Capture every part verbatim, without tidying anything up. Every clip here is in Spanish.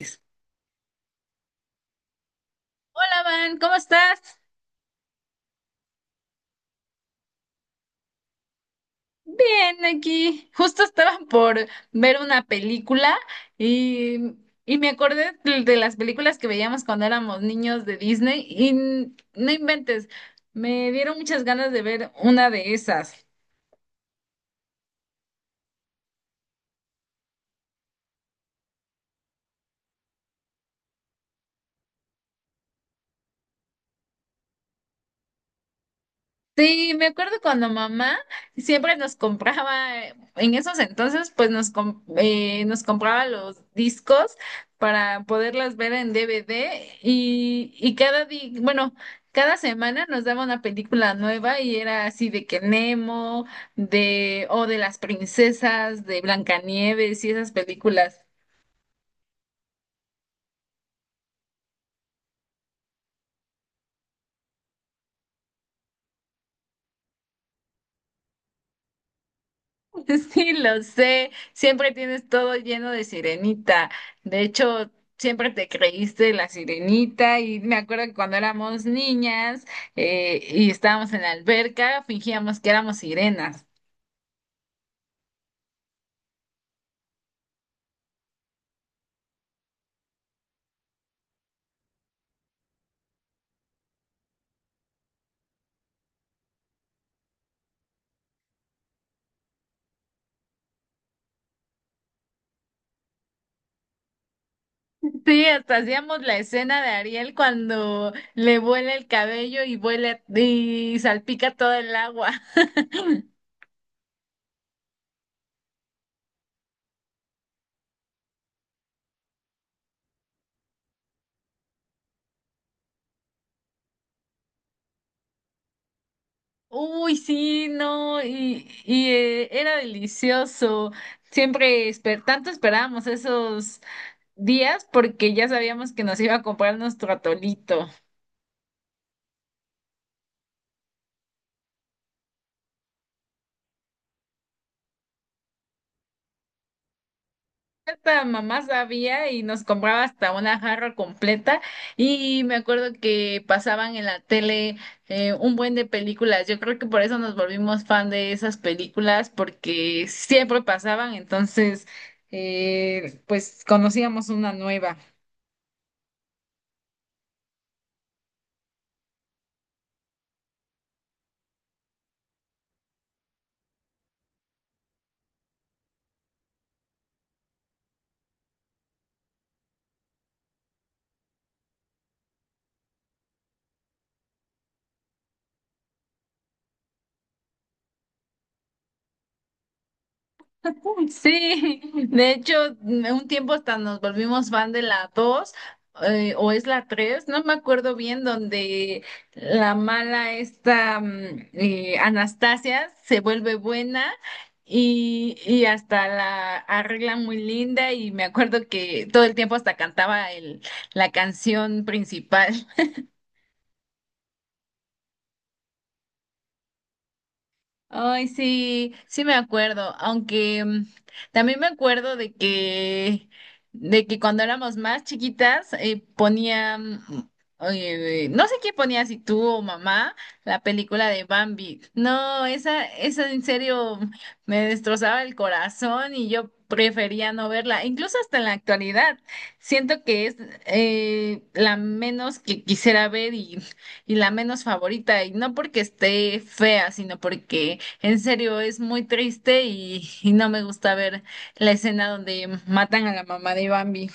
Hola, Van, ¿cómo estás? Bien, aquí. Justo estaba por ver una película y, y me acordé de, de las películas que veíamos cuando éramos niños de Disney y n- no inventes, me dieron muchas ganas de ver una de esas. Sí, me acuerdo cuando mamá siempre nos compraba, eh, en esos entonces, pues nos, com- eh, nos compraba los discos para poderlas ver en D V D y, y cada di bueno, cada semana nos daba una película nueva y era así de que Nemo, de, o de las princesas, de Blancanieves y esas películas. Sí, lo sé, siempre tienes todo lleno de sirenita. De hecho, siempre te creíste la sirenita y me acuerdo que cuando éramos niñas eh, y estábamos en la alberca, fingíamos que éramos sirenas. Sí, hasta hacíamos la escena de Ariel cuando le vuela el cabello y vuela y salpica todo el agua. Uy, sí, no, y, y eh, era delicioso. Siempre esper tanto esperábamos esos días porque ya sabíamos que nos iba a comprar nuestro atolito. Esta mamá sabía y nos compraba hasta una jarra completa y me acuerdo que pasaban en la tele, eh, un buen de películas. Yo creo que por eso nos volvimos fan de esas películas porque siempre pasaban, entonces, eh, pues conocíamos una nueva. Sí, de hecho, mm, un tiempo hasta nos volvimos fan de la dos, eh, o es la tres, no me acuerdo bien, donde la mala esta, mm, eh, Anastasia se vuelve buena y, y hasta la arregla muy linda y me acuerdo que todo el tiempo hasta cantaba el, la canción principal. Ay, sí, sí me acuerdo, aunque, mm, también me acuerdo de que, de que cuando éramos más chiquitas, eh, ponían, mm, eh, no sé quién ponía, si tú o mamá, la película de Bambi. No, esa, esa en serio me destrozaba el corazón y yo prefería no verla, incluso hasta en la actualidad. Siento que es, eh, la menos que quisiera ver y la menos favorita, y no porque esté fea, sino porque en serio es muy triste y, y no me gusta ver la escena donde matan a la mamá de Bambi.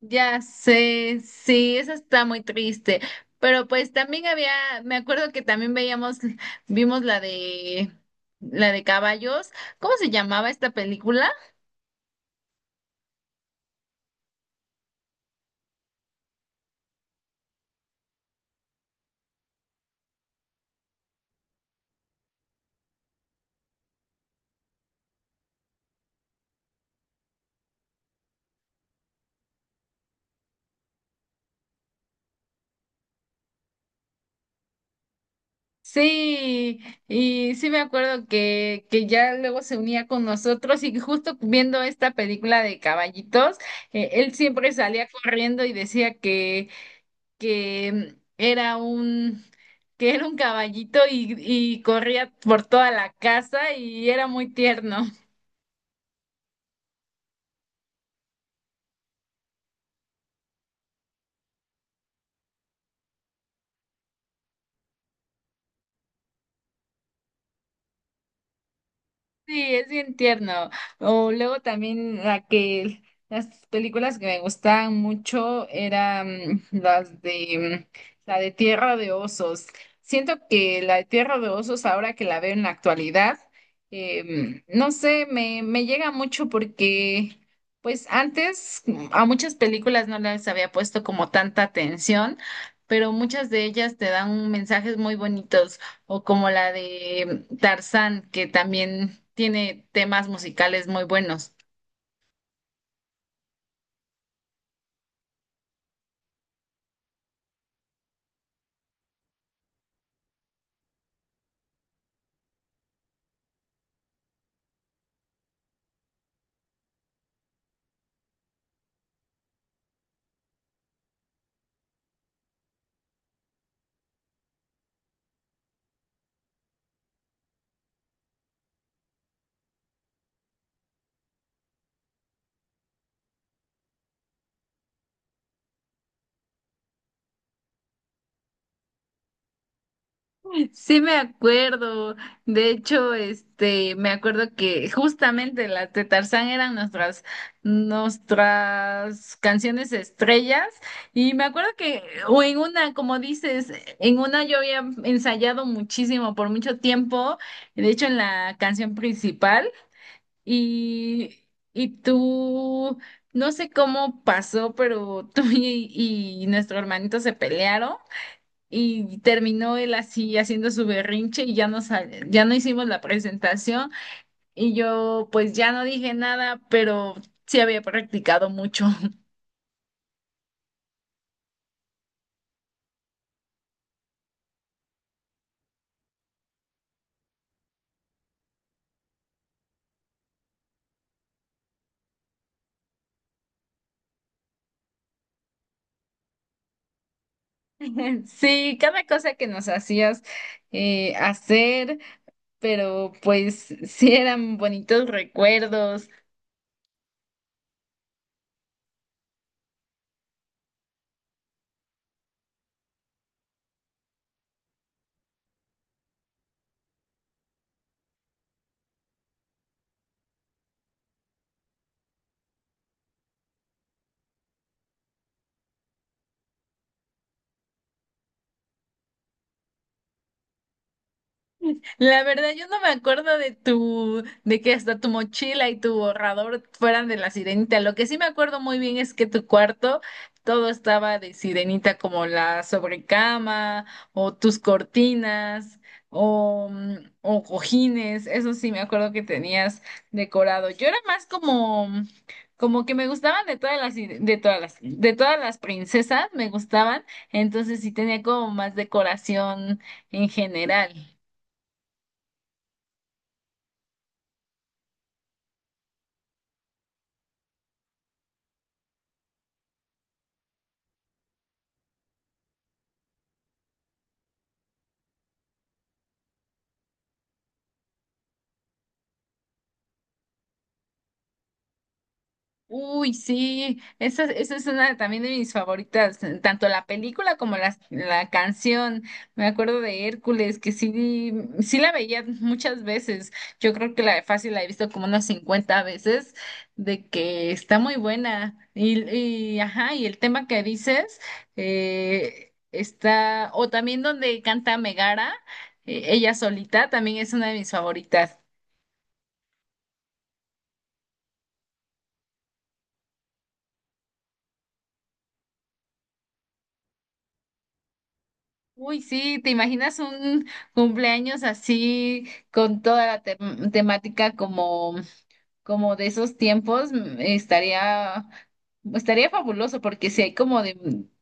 Ya sé, sí, esa está muy triste, pero pues también había, me acuerdo que también veíamos, vimos la de, la de caballos, ¿cómo se llamaba esta película? Sí, y sí me acuerdo que, que ya luego se unía con nosotros y justo viendo esta película de caballitos, eh, él siempre salía corriendo y decía que, que era un, que era un caballito y, y corría por toda la casa y era muy tierno. Sí, es bien tierno. O luego también la que las películas que me gustaban mucho eran las de, mm, la de Tierra de Osos. Siento que la de Tierra de Osos, ahora que la veo en la actualidad, eh, no sé, me, me llega mucho porque pues antes, mm, a muchas películas no les había puesto como tanta atención, pero muchas de ellas te dan mensajes muy bonitos. O como la de Tarzán, que también tiene temas musicales muy buenos. Sí, me acuerdo. De hecho, este, me acuerdo que justamente las de Tarzán eran nuestras, nuestras canciones estrellas. Y me acuerdo que, o en una, como dices, en una yo había ensayado muchísimo por mucho tiempo. De hecho, en la canción principal. Y, y tú, no sé cómo pasó, pero tú y, y nuestro hermanito se pelearon y terminó él así haciendo su berrinche y ya no sal- ya no hicimos la presentación y yo pues ya no dije nada, pero sí había practicado mucho. Sí, cada cosa que nos hacías, eh, hacer, pero pues sí eran bonitos recuerdos. La verdad, yo no me acuerdo de tu, de que hasta tu mochila y tu borrador fueran de la sirenita. Lo que sí me acuerdo muy bien es que tu cuarto todo estaba de sirenita, como la sobrecama, o tus cortinas, o, mm, o cojines. Eso sí me acuerdo que tenías decorado. Yo era más como, como que me gustaban de todas las, sire- de todas las, de todas las princesas, me gustaban. Entonces sí tenía como más decoración en general. Uy, sí, esa, esa es una también de mis favoritas, eh, tanto la película como la, la canción. Me acuerdo de Hércules, que sí, sí la veía muchas veces. Yo creo que la de Fácil la he visto como unas cincuenta veces, de que está muy buena. Y, y ajá, y el tema que dices, eh, está, o también donde canta Megara, eh, ella solita, también es una de mis favoritas. Uy, sí, ¿te imaginas un cumpleaños así con toda la tem- temática como, como de esos tiempos? Mm, Estaría, estaría fabuloso porque si hay como de,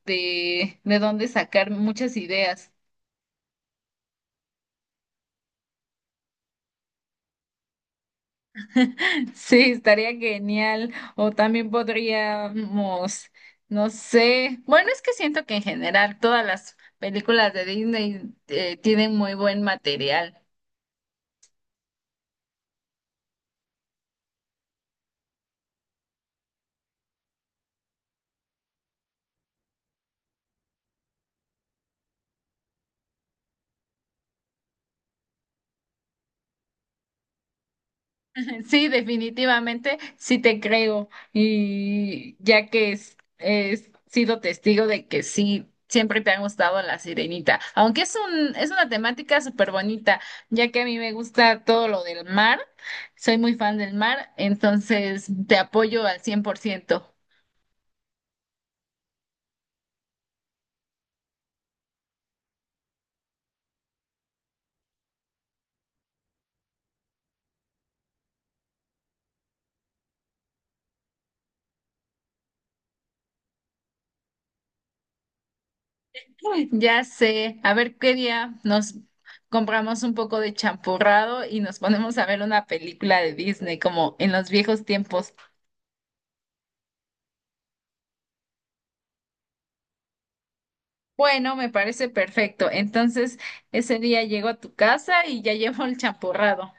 de, de dónde sacar muchas ideas. Sí, estaría genial. O también podríamos, no sé, bueno, es que siento que en general todas las películas de Disney, eh, tienen muy buen material. Sí, definitivamente, sí te creo. Y ya que es- he sido testigo de que sí, siempre te ha gustado la sirenita. Aunque es un, es una temática súper bonita, ya que a mí me gusta todo lo del mar, soy muy fan del mar, entonces te apoyo al cien por ciento. Ya sé, a ver qué día nos compramos un poco de champurrado y nos ponemos a ver una película de Disney, como en los viejos tiempos. Bueno, me parece perfecto. Entonces, ese día llego a tu casa y ya llevo el champurrado.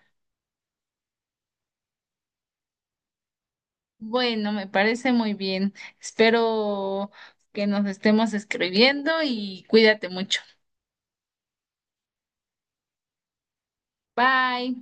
Bueno, me parece muy bien. Espero que nos estemos escribiendo y cuídate mucho. Bye.